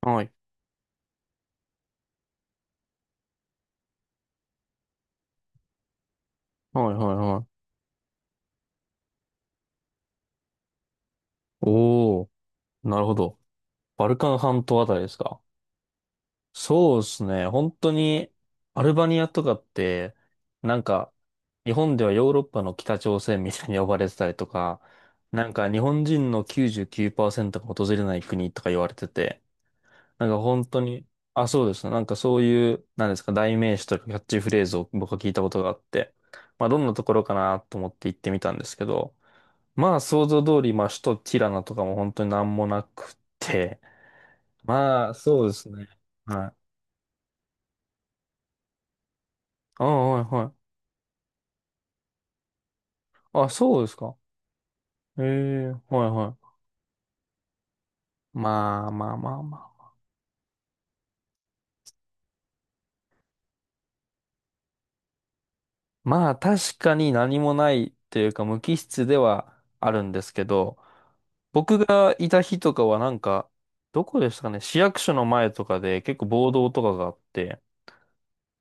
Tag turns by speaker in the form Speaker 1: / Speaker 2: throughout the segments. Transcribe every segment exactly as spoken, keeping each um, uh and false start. Speaker 1: はい。はい、はい、はい。おー、なるほど。バルカン半島あたりですか？そうですね。本当に、アルバニアとかって、なんか、日本ではヨーロッパの北朝鮮みたいに呼ばれてたりとか、なんか日本人のきゅうじゅうきゅうパーセントが訪れない国とか言われてて、なんか本当に、あ、そうですね。なんかそういう、なんですか、代名詞とかキャッチフレーズを僕は聞いたことがあって、まあどんなところかなと思って行ってみたんですけど、まあ、想像通り、まあ、首都ティラナとかも本当になんもなくて。まあ、そうですね。はい。あ、はい、はい。あ、そうですか。ええ、はい、はい。まあ、まあ、まあ、まあ。まあ、確かに何もないっていうか、無機質ではあるんですけど、僕がいた日とかはなんか、どこでしたかね、市役所の前とかで結構暴動とかがあって、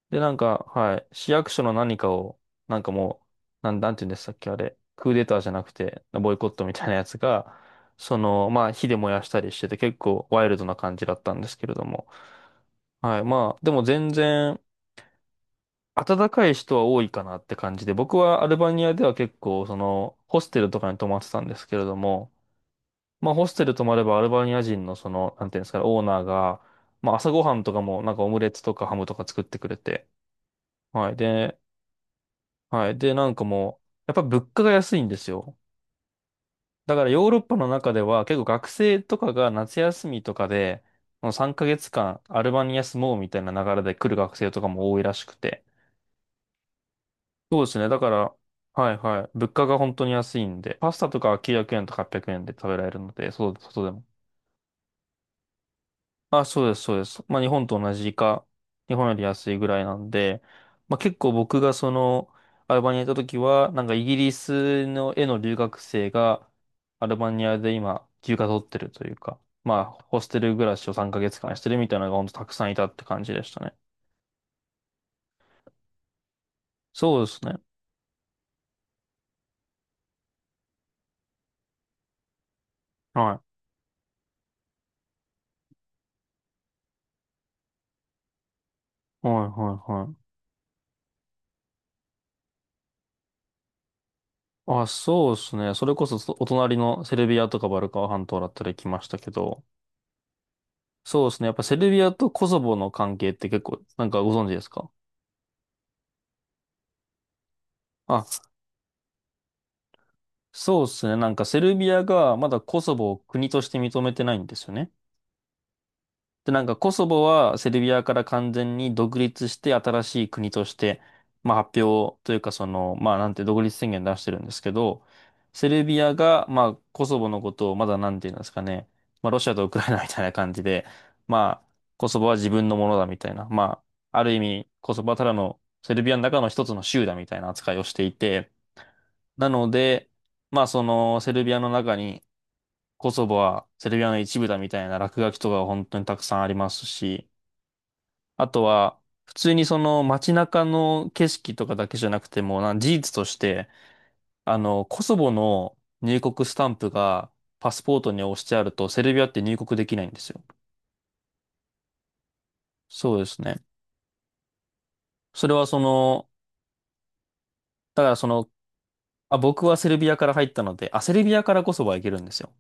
Speaker 1: で、なんか、はい、市役所の何かを、なんかもう、なん、なんて言うんでしたっけ、あれ、クーデターじゃなくて、ボイコットみたいなやつが、その、まあ、火で燃やしたりしてて、結構ワイルドな感じだったんですけれども、はい、まあ、でも全然、暖かい人は多いかなって感じで、僕はアルバニアでは結構、その、ホステルとかに泊まってたんですけれども、まあ、ホステル泊まればアルバニア人のその、なんていうんですかね、オーナーが、まあ、朝ごはんとかも、なんかオムレツとかハムとか作ってくれて、はい。で、はい。で、なんかもう、やっぱ物価が安いんですよ。だからヨーロッパの中では結構学生とかが夏休みとかで、もうさんかげつかんアルバニア住もうみたいな流れで来る学生とかも多いらしくて。そうですね。だから、はいはい。物価が本当に安いんで、パスタとかはきゅうひゃくえんとかはっぴゃくえんで食べられるので、そう、外でも。あ、そうです、そうです。まあ、日本と同じか、日本より安いぐらいなんで、まあ、結構僕がその、アルバニアに行った時は、なんかイギリスの絵の留学生が、アルバニアで今、休暇取ってるというか、まあ、ホステル暮らしをさんかげつかんしてるみたいなのが本当たくさんいたって感じでしたね。そうですね。はい。はい、はい、はい。あ、そうですね。それこそそお隣のセルビアとかバルカン半島だったり来ましたけど、そうですね。やっぱセルビアとコソボの関係って結構、なんかご存知ですか？あ、そうですね。なんかセルビアがまだコソボを国として認めてないんですよね。で、なんかコソボはセルビアから完全に独立して新しい国として、まあ発表というかその、まあなんて独立宣言出してるんですけど、セルビアがまあコソボのことをまだなんて言うんですかね。まあロシアとウクライナみたいな感じで、まあコソボは自分のものだみたいな。まあある意味コソボはただのセルビアの中の一つの州だみたいな扱いをしていて、なので、まあそのセルビアの中にコソボはセルビアの一部だみたいな落書きとかが本当にたくさんありますし、あとは普通にその街中の景色とかだけじゃなくても、なん事実として、あの、コソボの入国スタンプがパスポートに押してあるとセルビアって入国できないんですよ。そうですね。それはその、だからその、あ、僕はセルビアから入ったので、あ、セルビアからコソボは行けるんですよ。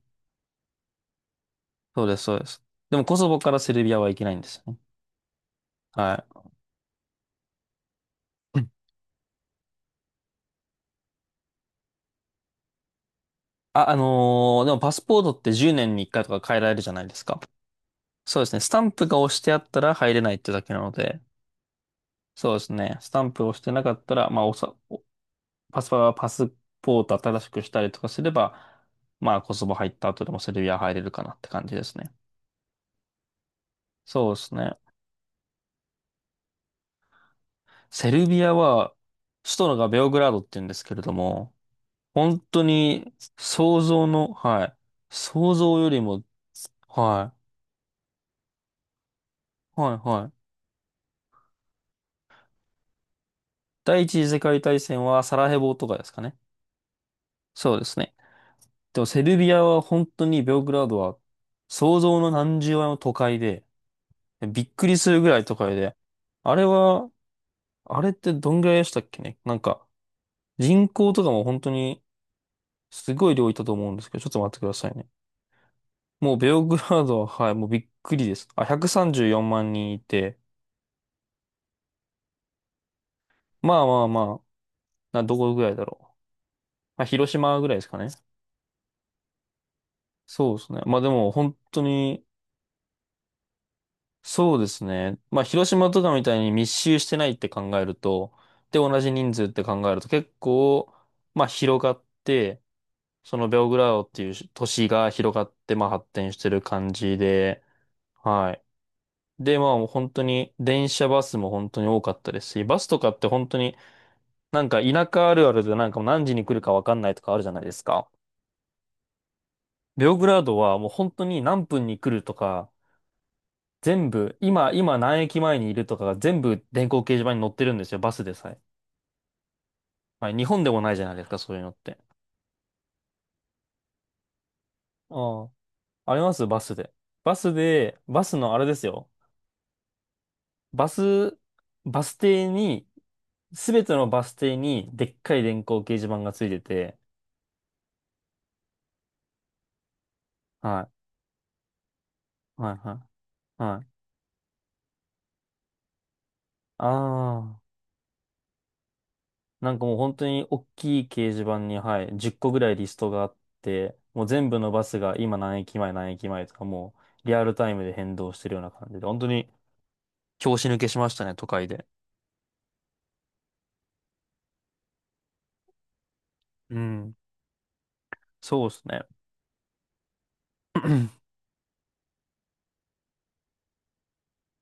Speaker 1: そうです、そうです。でもコソボからセルビアは行けないんですよね。はい。あ、あのーでもパスポートってじゅうねんにいっかいとか変えられるじゃないですか。そうですね。スタンプが押してあったら入れないってだけなので、そうですね。スタンプを押してなかったら、まあ、おさ、おパスパ、パスポート新しくしたりとかすれば、まあ、コソボ入った後でもセルビア入れるかなって感じですね。そうですね。セルビアは、首都のがベオグラードって言うんですけれども、本当に想像の、はい。想像よりも、はい。はい、はい。第一次世界大戦はサラヘボとかですかね。そうですね。でもセルビアは本当にベオグラードは想像の何十倍も都会で、びっくりするぐらい都会で、あれは、あれってどんぐらいでしたっけね。なんか人口とかも本当にすごい量いたと思うんですけど、ちょっと待ってくださいね。もうベオグラードは、はい、もうびっくりです。あ、ひゃくさんじゅうよんまん人いて、まあまあまあ、な、どこぐらいだろう。まあ、広島ぐらいですかね。そうですね。まあでも本当にそうですね。まあ、広島とかみたいに密集してないって考えると、で、同じ人数って考えると結構、まあ、広がって、そのベオグラードっていう都市が広がって、まあ、発展してる感じで、はい。で、まあ、もう本当に、電車バスも本当に多かったですし、バスとかって本当になんか田舎あるあるでなんかもう何時に来るかわかんないとかあるじゃないですか。ベオグラードはもう本当に何分に来るとか、全部、今、今何駅前にいるとかが全部電光掲示板に載ってるんですよ、バスでさえ。はい、日本でもないじゃないですか、そういうのって。ああ、ありますバスで。バスで、バスのあれですよ。バス、バス停に、すべてのバス停にでっかい電光掲示板がついてて、はい、はい、はい、はい。ああ。なんかもう本当に大きい掲示板に、はい、じゅっこぐらいリストがあって、もう全部のバスが今何駅前何駅前とかもうリアルタイムで変動してるような感じで、本当に拍子抜けしましたね、都会で。うん。そうですね。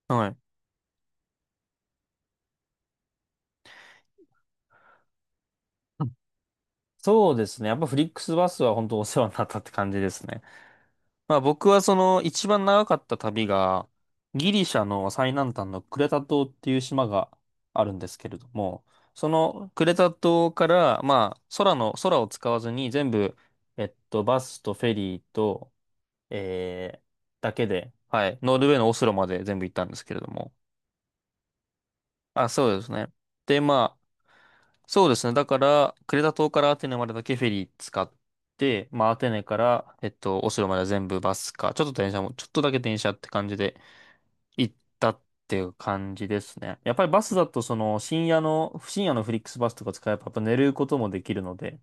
Speaker 1: はい。そうですね。やっぱフリックスバスは本当お世話になったって感じですね。まあ僕はその一番長かった旅が、ギリシャの最南端のクレタ島っていう島があるんですけれども、そのクレタ島から、まあ空の、空を使わずに全部、えっと、バスとフェリーと、えー、だけで、はい、ノルウェーのオスロまで全部行ったんですけれども。あ、そうですね。で、まあ、そうですね。だから、クレタ島からアテネまでだけフェリー使って、まあ、アテネから、えっと、オスロまでは全部バスか、ちょっと電車も、ちょっとだけ電車って感じで行ったっていう感じですね。やっぱりバスだと、その、深夜の、深夜のフリックスバスとか使えば、やっぱ寝ることもできるので、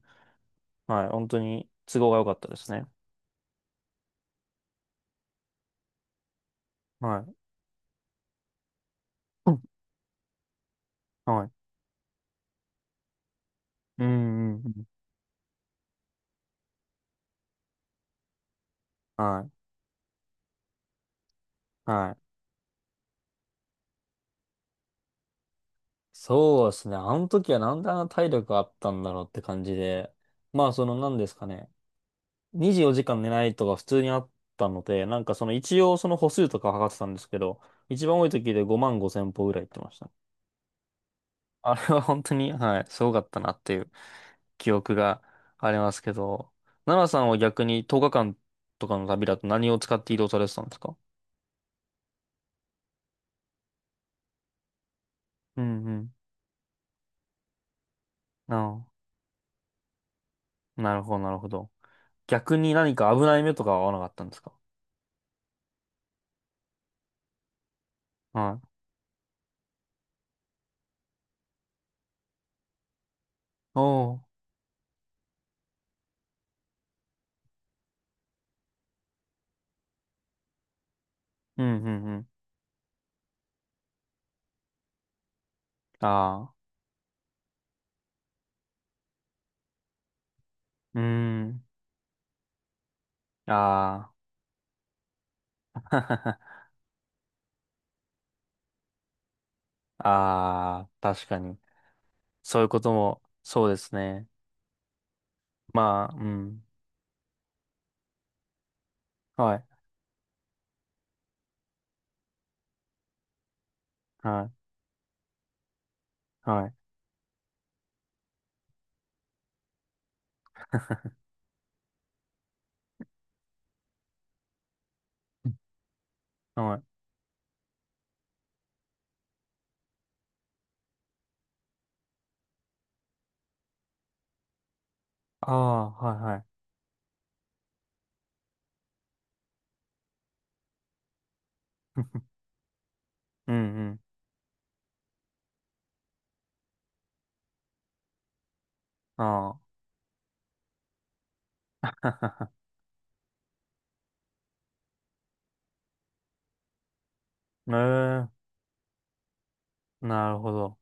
Speaker 1: はい、本当に都合が良かったですね。はい。うんはい。うん、うん、うん。はい。はい。そうですね。あの時はなんであんな体力あったんだろうって感じで、まあ、その、なんですかね。にじゅうよじかん寝ないとか普通にあったので、なんかその一応その歩数とか測ってたんですけど、一番多い時でごまんごせん歩ぐらい行ってました。あれは本当に、はい、すごかったなっていう記憶がありますけど、奈良さんは逆にとおかかんとかの旅だと何を使って移動されてたんですか？うんうん。ああ、なるほど、なるほど。逆に何か危ない目とかは合わなかったんですか？はい。おお。うんうんうん。ああ。うーん。ああ。ああ、確かに。そういうことも、そうですね。まあ、うん。はい、はい、はい、はい。ああ、はい、はい。うんうん。ああ。ええ、なるほど。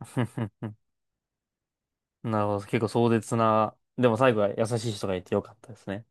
Speaker 1: なるほど。結構壮絶な、でも最後は優しい人がいてよかったですね。